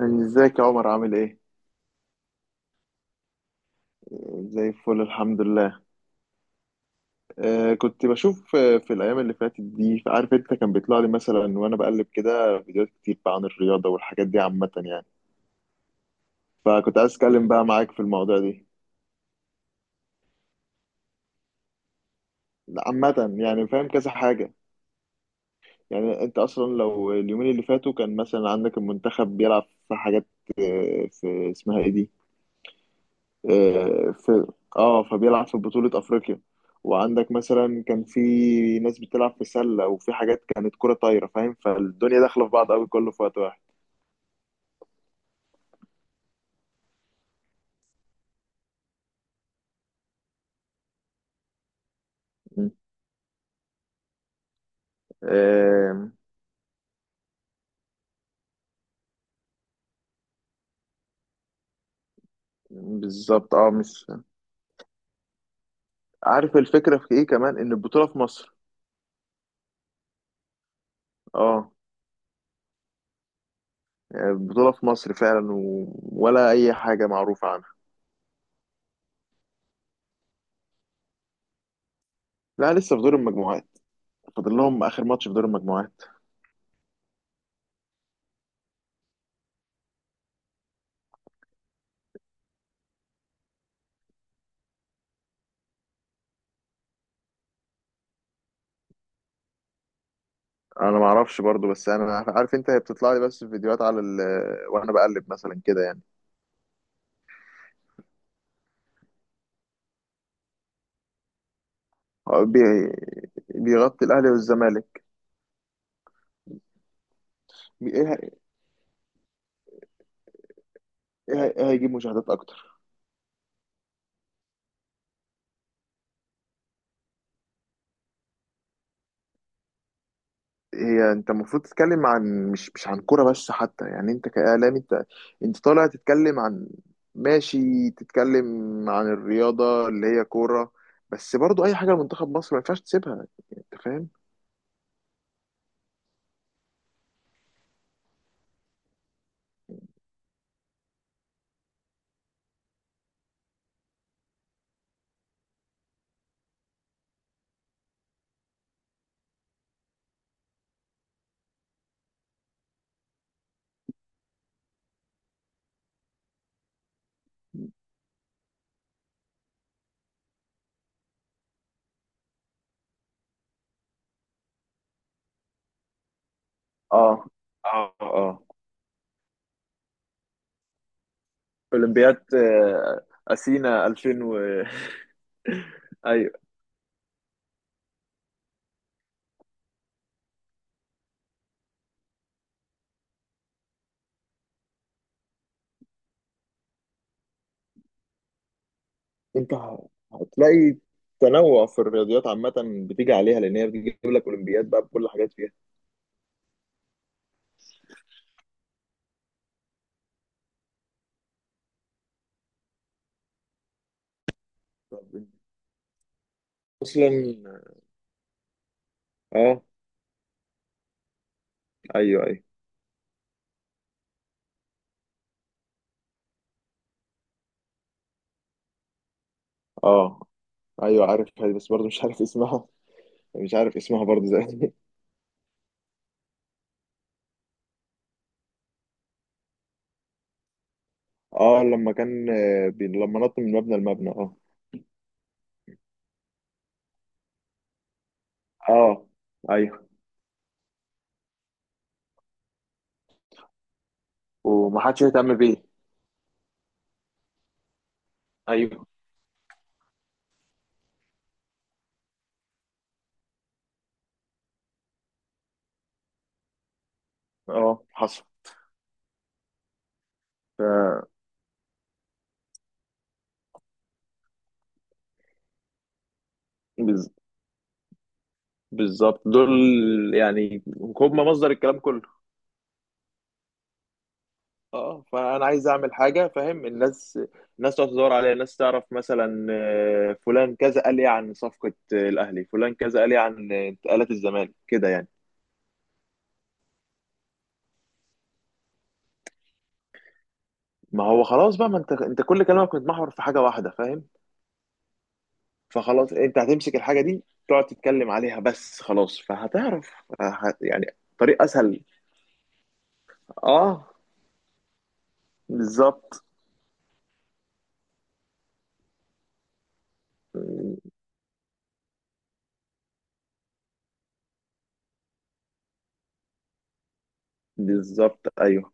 ازيك يا عمر؟ عامل ايه؟ زي الفل الحمد لله. آه، كنت بشوف، في الايام اللي فاتت دي، عارف انت، كان بيطلع لي مثلا وانا بقلب كده فيديوهات كتير بقى عن الرياضة والحاجات دي عامة يعني. فكنت عايز اتكلم بقى معاك في الموضوع دي. لا، عامة يعني فاهم كذا حاجة. يعني انت اصلا لو اليومين اللي فاتوا كان مثلا عندك المنتخب بيلعب في حاجات. في اسمها ايه دي؟ آه، في اه فبيلعب في بطولة افريقيا. وعندك مثلا كان في ناس بتلعب في سلة وفي حاجات كانت كرة طايرة، فاهم؟ فالدنيا داخلة في بعض قوي كله في وقت واحد. م. آه، بالظبط. اه. مش عارف الفكرة في ايه كمان، ان البطولة في مصر. اه. يعني البطولة في مصر فعلا ولا اي حاجة معروفة عنها. لا، لسه في دور المجموعات. فاضل لهم اخر ماتش في دور المجموعات. انا ما اعرفش برضو، بس انا عارف انت، هي بتطلع لي بس في فيديوهات على وانا بقلب مثلا كده يعني. هو بي- بيغطي الاهلي والزمالك. بي- ايه هي- إيه هيجيب مشاهدات اكتر. هي انت المفروض تتكلم عن مش مش عن كوره بس، حتى يعني انت كاعلامي انت. انت طالع تتكلم عن، ماشي، تتكلم عن الرياضه اللي هي كوره، بس برضو اي حاجه لمنتخب مصر ما ينفعش تسيبها، انت فاهم؟ اه اه اه. اولمبياد اثينا 2000 و ايوه. هتلاقي تنوع في الرياضيات عامة. بتيجي عليها لأن هي بتجيب لك أولمبياد بقى بكل حاجات فيها. طب أصلا. اه. أيوه أيوه. اه. أيوه، عارف هذه بس برضه مش عارف اسمها. مش عارف اسمها برضه زي اه لما كان، لما نط من مبنى لمبنى، اه. اه. أيوه. ومحدش يهتم بيه. أيوه. اه، حصل. ف- بز- بالظبط، دول يعني هم مصدر الكلام كله. اه، فانا عايز اعمل حاجه، فاهم؟ الناس الناس تقعد تدور عليا، الناس تعرف مثلا فلان كذا قال ايه عن صفقه، الاهلي، فلان كذا قال ايه عن انتقالات الزمالك كده يعني. ما هو خلاص بقى، ما انت كل كلامك متمحور في حاجه واحده، فاهم؟ فخلاص انت هتمسك الحاجه دي، تقعد تتكلم عليها بس خلاص فهتعرف. يعني طريق اسهل. اه. بالظبط. بالظبط ايوه.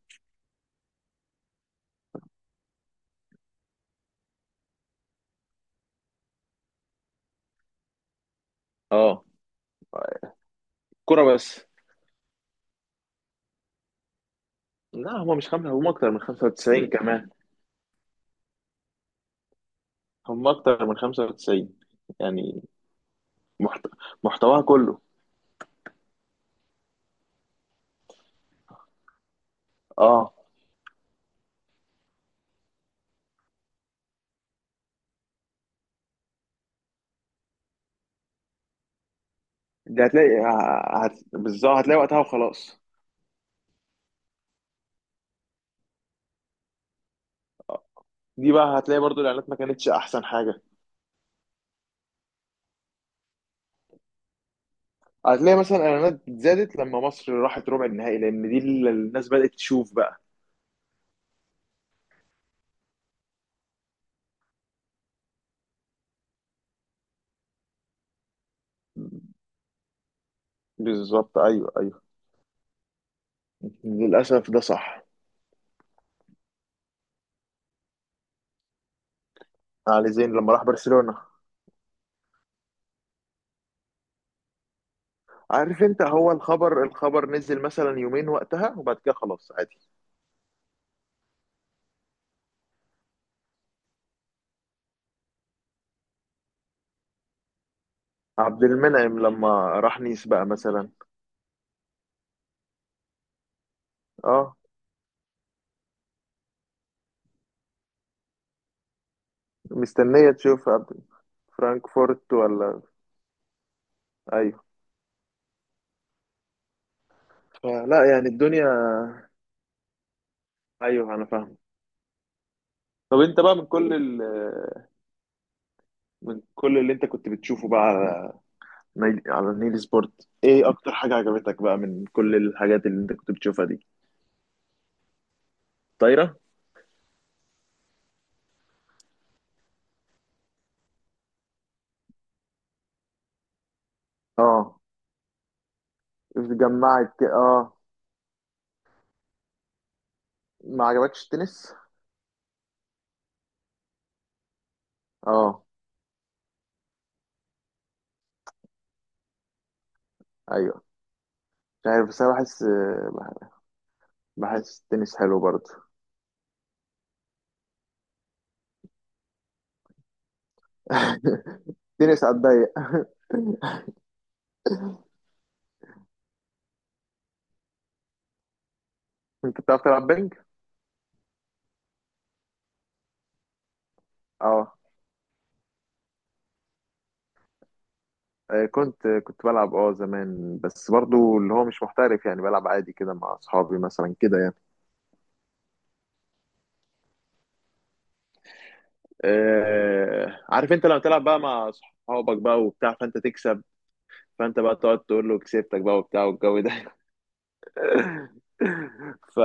اه. كرة بس. لا هما مش خمسة، هما أكتر من 95% كمان. هم اكتر من 95 يعني. محت... محتواها كله. اه، دي هتلاقي بالظبط هتلاقي وقتها وخلاص. دي بقى هتلاقي برضو الاعلانات ما كانتش احسن حاجه. هتلاقي مثلا الاعلانات زادت لما مصر راحت ربع النهائي، لان دي اللي الناس بدات تشوف بقى. بالظبط ايوه ايوه، للاسف ده صح. علي زين لما راح برشلونه، عارف انت، هو الخبر، الخبر نزل مثلا يومين وقتها وبعد كده خلاص عادي. عبد المنعم لما راح نيس بقى مثلا. اه. مستنيه تشوف. فرانكفورت ولا؟ ايوه. فلا يعني الدنيا، ايوه انا فاهم. طب انت بقى من كل من كل اللي انت كنت بتشوفه بقى على على نيل سبورت، ايه اكتر حاجة عجبتك بقى من كل الحاجات اللي انت كنت بتشوفها دي؟ طايرة. اه. اه. ما عجبكش التنس؟ اه ايوه. مش عارف بس انا بحس، بح- بحس التنس حلو برضه. التنس على الضيق. انت بتعرف تلعب بينج؟ اه. كنت بلعب اه زمان، بس برضو اللي هو مش محترف، يعني بلعب عادي كده مع اصحابي مثلا كده يعني. عارف انت، لما تلعب بقى مع اصحابك بقى وبتاع فانت تكسب، فانت بقى تقعد تقول له كسبتك بقى وبتاع والجو ده. ف،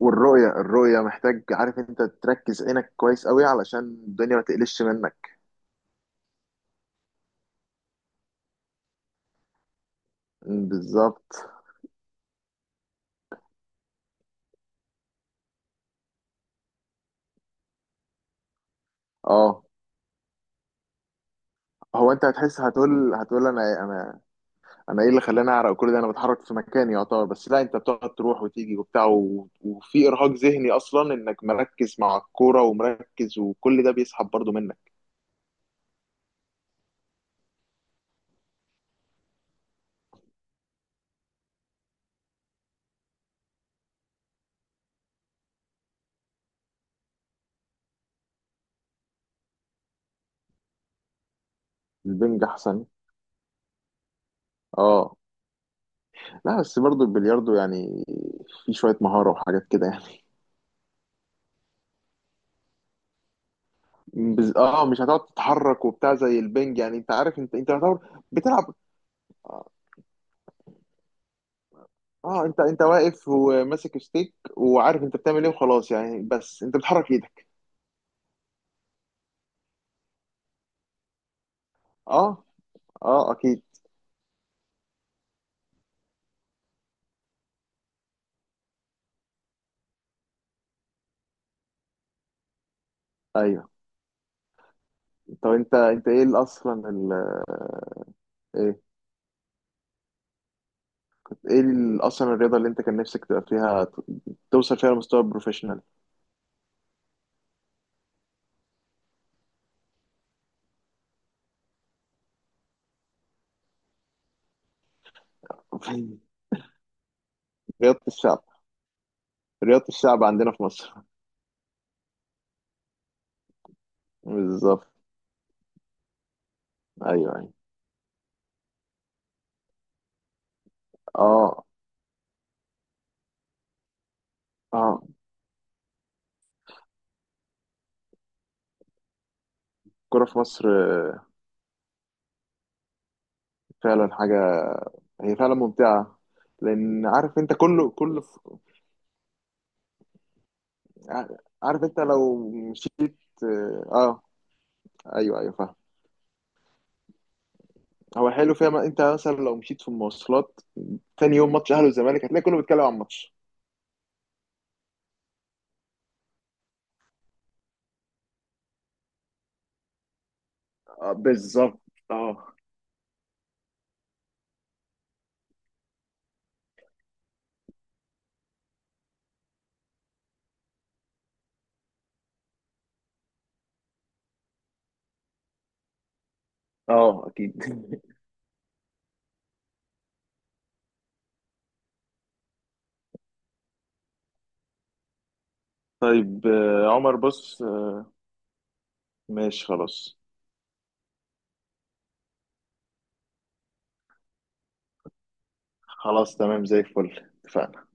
والرؤية الرؤية محتاج، عارف انت، تركز عينك كويس قوي علشان الدنيا ما تقلش منك. بالظبط اه. هو انت هتحس، هتقول هتقول انا، انا ايه اللي خلاني اعرق كل ده؟ انا بتحرك في مكاني يعتبر، بس لا، انت بتقعد تروح وتيجي وبتاع وفي ارهاق ذهني اصلا انك مركز مع الكوره ومركز وكل ده بيسحب برضو منك. البنج احسن. اه. لا بس برضو البلياردو يعني في شويه مهاره وحاجات كده يعني. اه، مش هتقعد تتحرك وبتاع زي البنج يعني، انت عارف انت، انت يعتبر بتلعب. اه، انت واقف وماسك ستيك وعارف انت بتعمل ايه وخلاص يعني، بس انت بتحرك ايدك. اه. اه اكيد. ايوه. طب انت ايه ال- اصلا ال... ايه ايه ال- اصلا الرياضه اللي انت كان نفسك تبقى فيها، توصل فيها لمستوى بروفيشنال؟ رياضه الشعب. رياضه الشعب عندنا في مصر. بالظبط ايوه ايوه. اه. اه، الكوره في مصر فعلا حاجه. هي فعلا ممتعه، لان عارف انت كله كله، عارف انت لو مشيت. اه ايوه ايوه فاهم. هو حلو فيها، ما انت مثلا لو مشيت في المواصلات تاني يوم ماتش اهلي والزمالك هتلاقي كله بيتكلم عن الماتش. بالظبط. اه. اه اكيد. طيب، عمر بص، ماشي خلاص. خلاص تمام زي الفل اتفقنا.